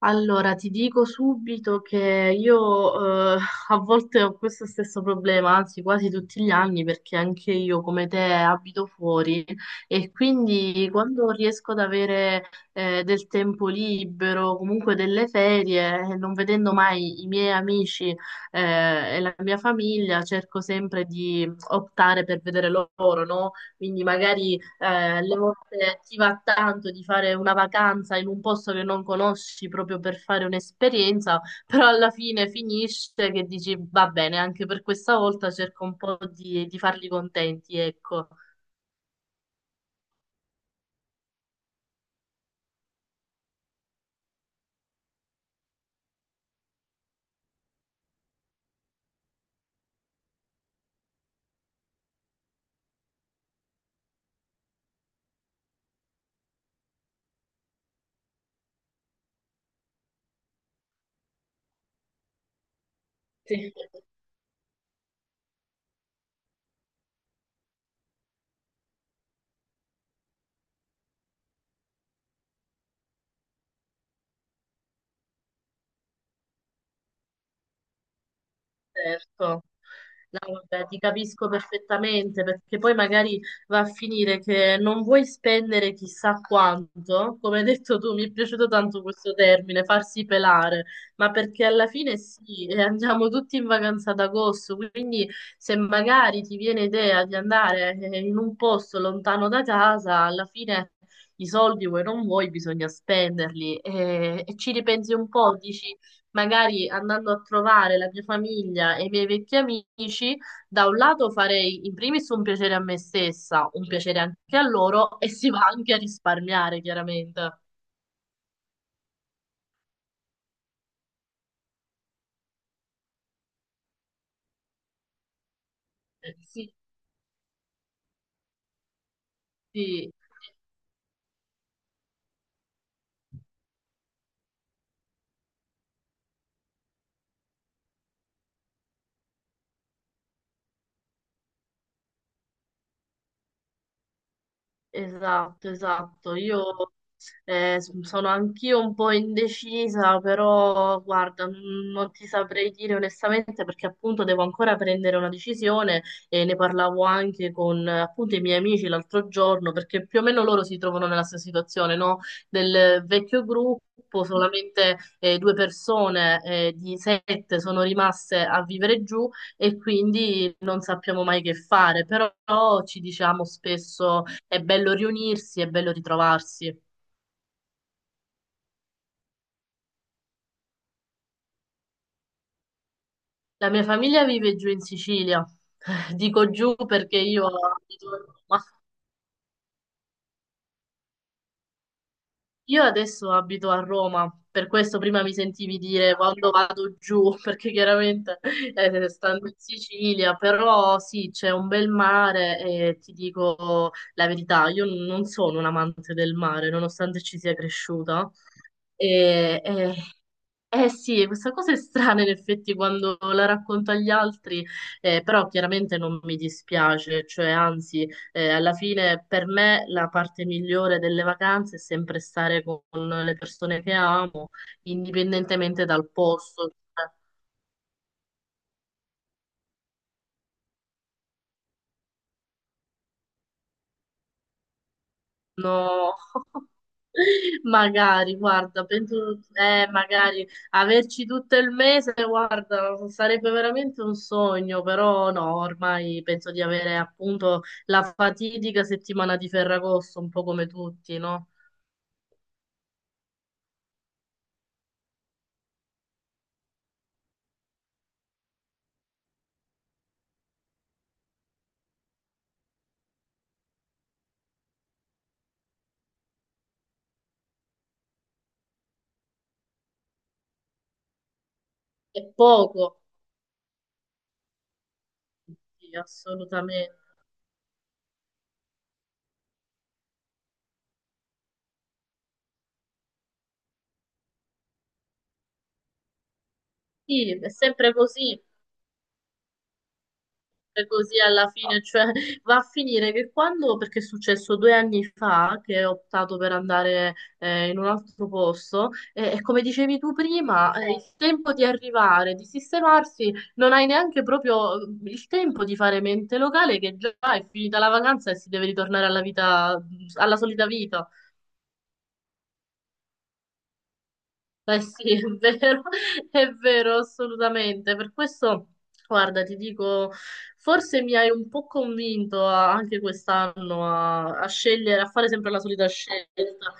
Allora, ti dico subito che io a volte ho questo stesso problema, anzi quasi tutti gli anni, perché anche io come te abito fuori e quindi quando riesco ad avere del tempo libero, comunque delle ferie, non vedendo mai i miei amici e la mia famiglia, cerco sempre di optare per vedere loro, no? Quindi magari alle volte ti va tanto di fare una vacanza in un posto che non conosci proprio per fare un'esperienza, però alla fine finisce che dici va bene, anche per questa volta cerco un po' di farli contenti, ecco. Sì. Certo. No, vabbè, ti capisco perfettamente perché poi magari va a finire che non vuoi spendere chissà quanto, come hai detto tu, mi è piaciuto tanto questo termine, farsi pelare, ma perché alla fine sì, e andiamo tutti in vacanza ad agosto, quindi se magari ti viene idea di andare in un posto lontano da casa, alla fine i soldi vuoi non vuoi, bisogna spenderli e ci ripensi un po', dici magari andando a trovare la mia famiglia e i miei vecchi amici, da un lato farei in primis un piacere a me stessa, un piacere anche a loro e si va anche a risparmiare, chiaramente. Sì, sì. Esatto, esatto. Io sono anch'io un po' indecisa, però guarda, non ti saprei dire onestamente perché appunto devo ancora prendere una decisione e ne parlavo anche con appunto i miei amici l'altro giorno, perché più o meno loro si trovano nella stessa situazione, no? Del vecchio gruppo, solamente due persone di sette sono rimaste a vivere giù e quindi non sappiamo mai che fare, però ci diciamo spesso è bello riunirsi, è bello ritrovarsi. La mia famiglia vive giù in Sicilia. Dico giù perché io abito a Roma. Io adesso abito a Roma, per questo prima mi sentivi dire quando vado giù, perché chiaramente stando in Sicilia, però sì, c'è un bel mare e ti dico la verità, io non sono un amante del mare, nonostante ci sia cresciuta. E, eh, eh sì, questa cosa è strana in effetti quando la racconto agli altri, però chiaramente non mi dispiace, cioè anzi, alla fine per me la parte migliore delle vacanze è sempre stare con le persone che amo, indipendentemente dal posto, cioè. No, magari, guarda, penso, magari averci tutto il mese, guarda, sarebbe veramente un sogno, però no, ormai penso di avere appunto la fatidica settimana di Ferragosto, un po' come tutti, no? È poco, sì, assolutamente. Sì, è sempre così. È così alla fine, cioè va a finire che quando, perché è successo 2 anni fa che ho optato per andare in un altro posto, e come dicevi tu prima, il tempo di arrivare, di sistemarsi, non hai neanche proprio il tempo di fare mente locale, che già è finita la vacanza e si deve ritornare alla vita, alla solita vita. Eh sì, è vero, è vero, assolutamente. Per questo, guarda, ti dico, forse mi hai un po' convinto anche quest'anno a scegliere, a fare sempre la solita scelta.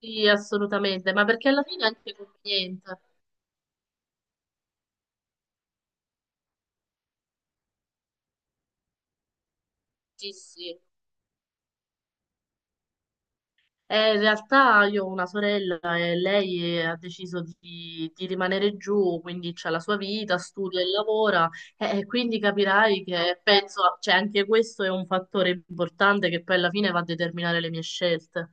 Sì, assolutamente, ma perché alla fine è anche conveniente. Sì, sì. In realtà io ho una sorella e lei ha deciso di rimanere giù, quindi c'ha la sua vita, studia e lavora, e quindi capirai che penso, cioè anche questo è un fattore importante che poi alla fine va a determinare le mie scelte.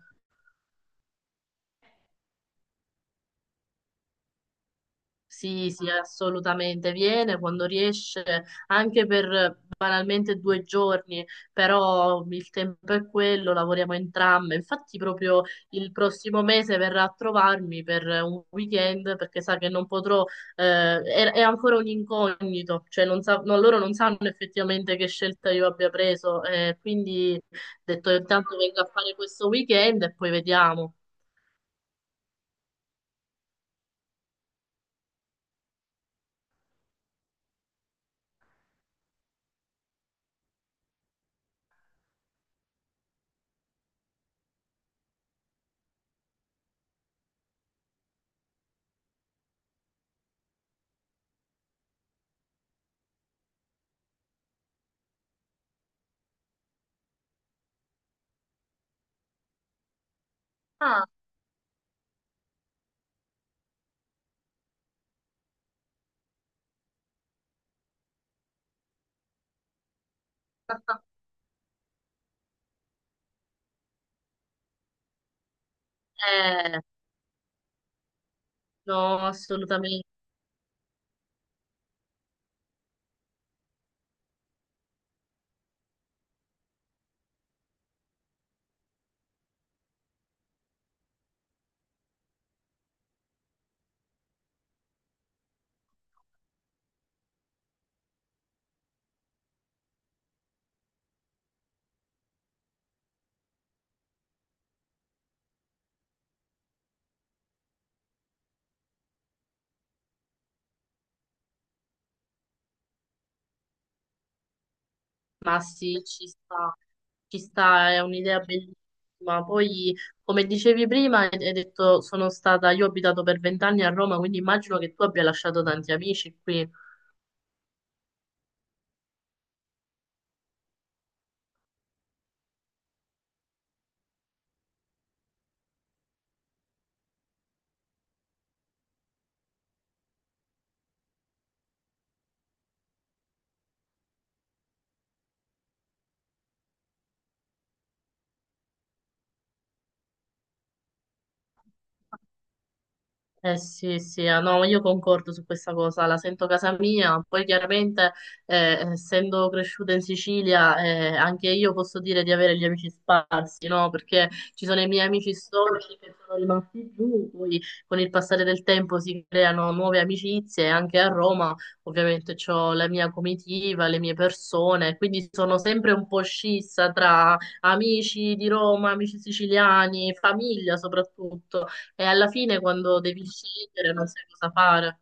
Sì, sì, assolutamente. Viene quando riesce, anche per banalmente 2 giorni, però il tempo è quello, lavoriamo entrambe. Infatti, proprio il prossimo mese verrà a trovarmi per un weekend perché sa che non potrò, è ancora un incognito, cioè non sa- no, loro non sanno effettivamente che scelta io abbia preso. Quindi ho detto intanto vengo a fare questo weekend e poi vediamo. Ah, eh, no, assolutamente. Ma sì, ci sta, è un'idea bellissima. Poi, come dicevi prima, hai detto, io ho abitato per 20 anni a Roma, quindi immagino che tu abbia lasciato tanti amici qui. Eh sì, sì, ah, no, io concordo su questa cosa, la sento casa mia, poi chiaramente essendo cresciuta in Sicilia anche io posso dire di avere gli amici sparsi, no? Perché ci sono i miei amici storici che sono rimasti giù, poi con il passare del tempo si creano nuove amicizie, e anche a Roma ovviamente ho la mia comitiva, le mie persone, quindi sono sempre un po' scissa tra amici di Roma, amici siciliani, famiglia soprattutto. E alla fine quando devi scegliere non sai cosa fare.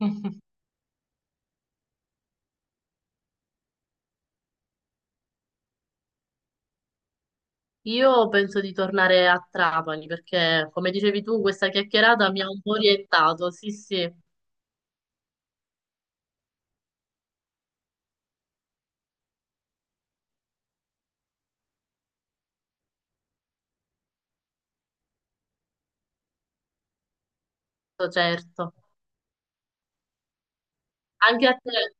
Io penso di tornare a Trapani perché, come dicevi tu, questa chiacchierata mi ha un po' orientato. Sì, sì, certo. Anche a te.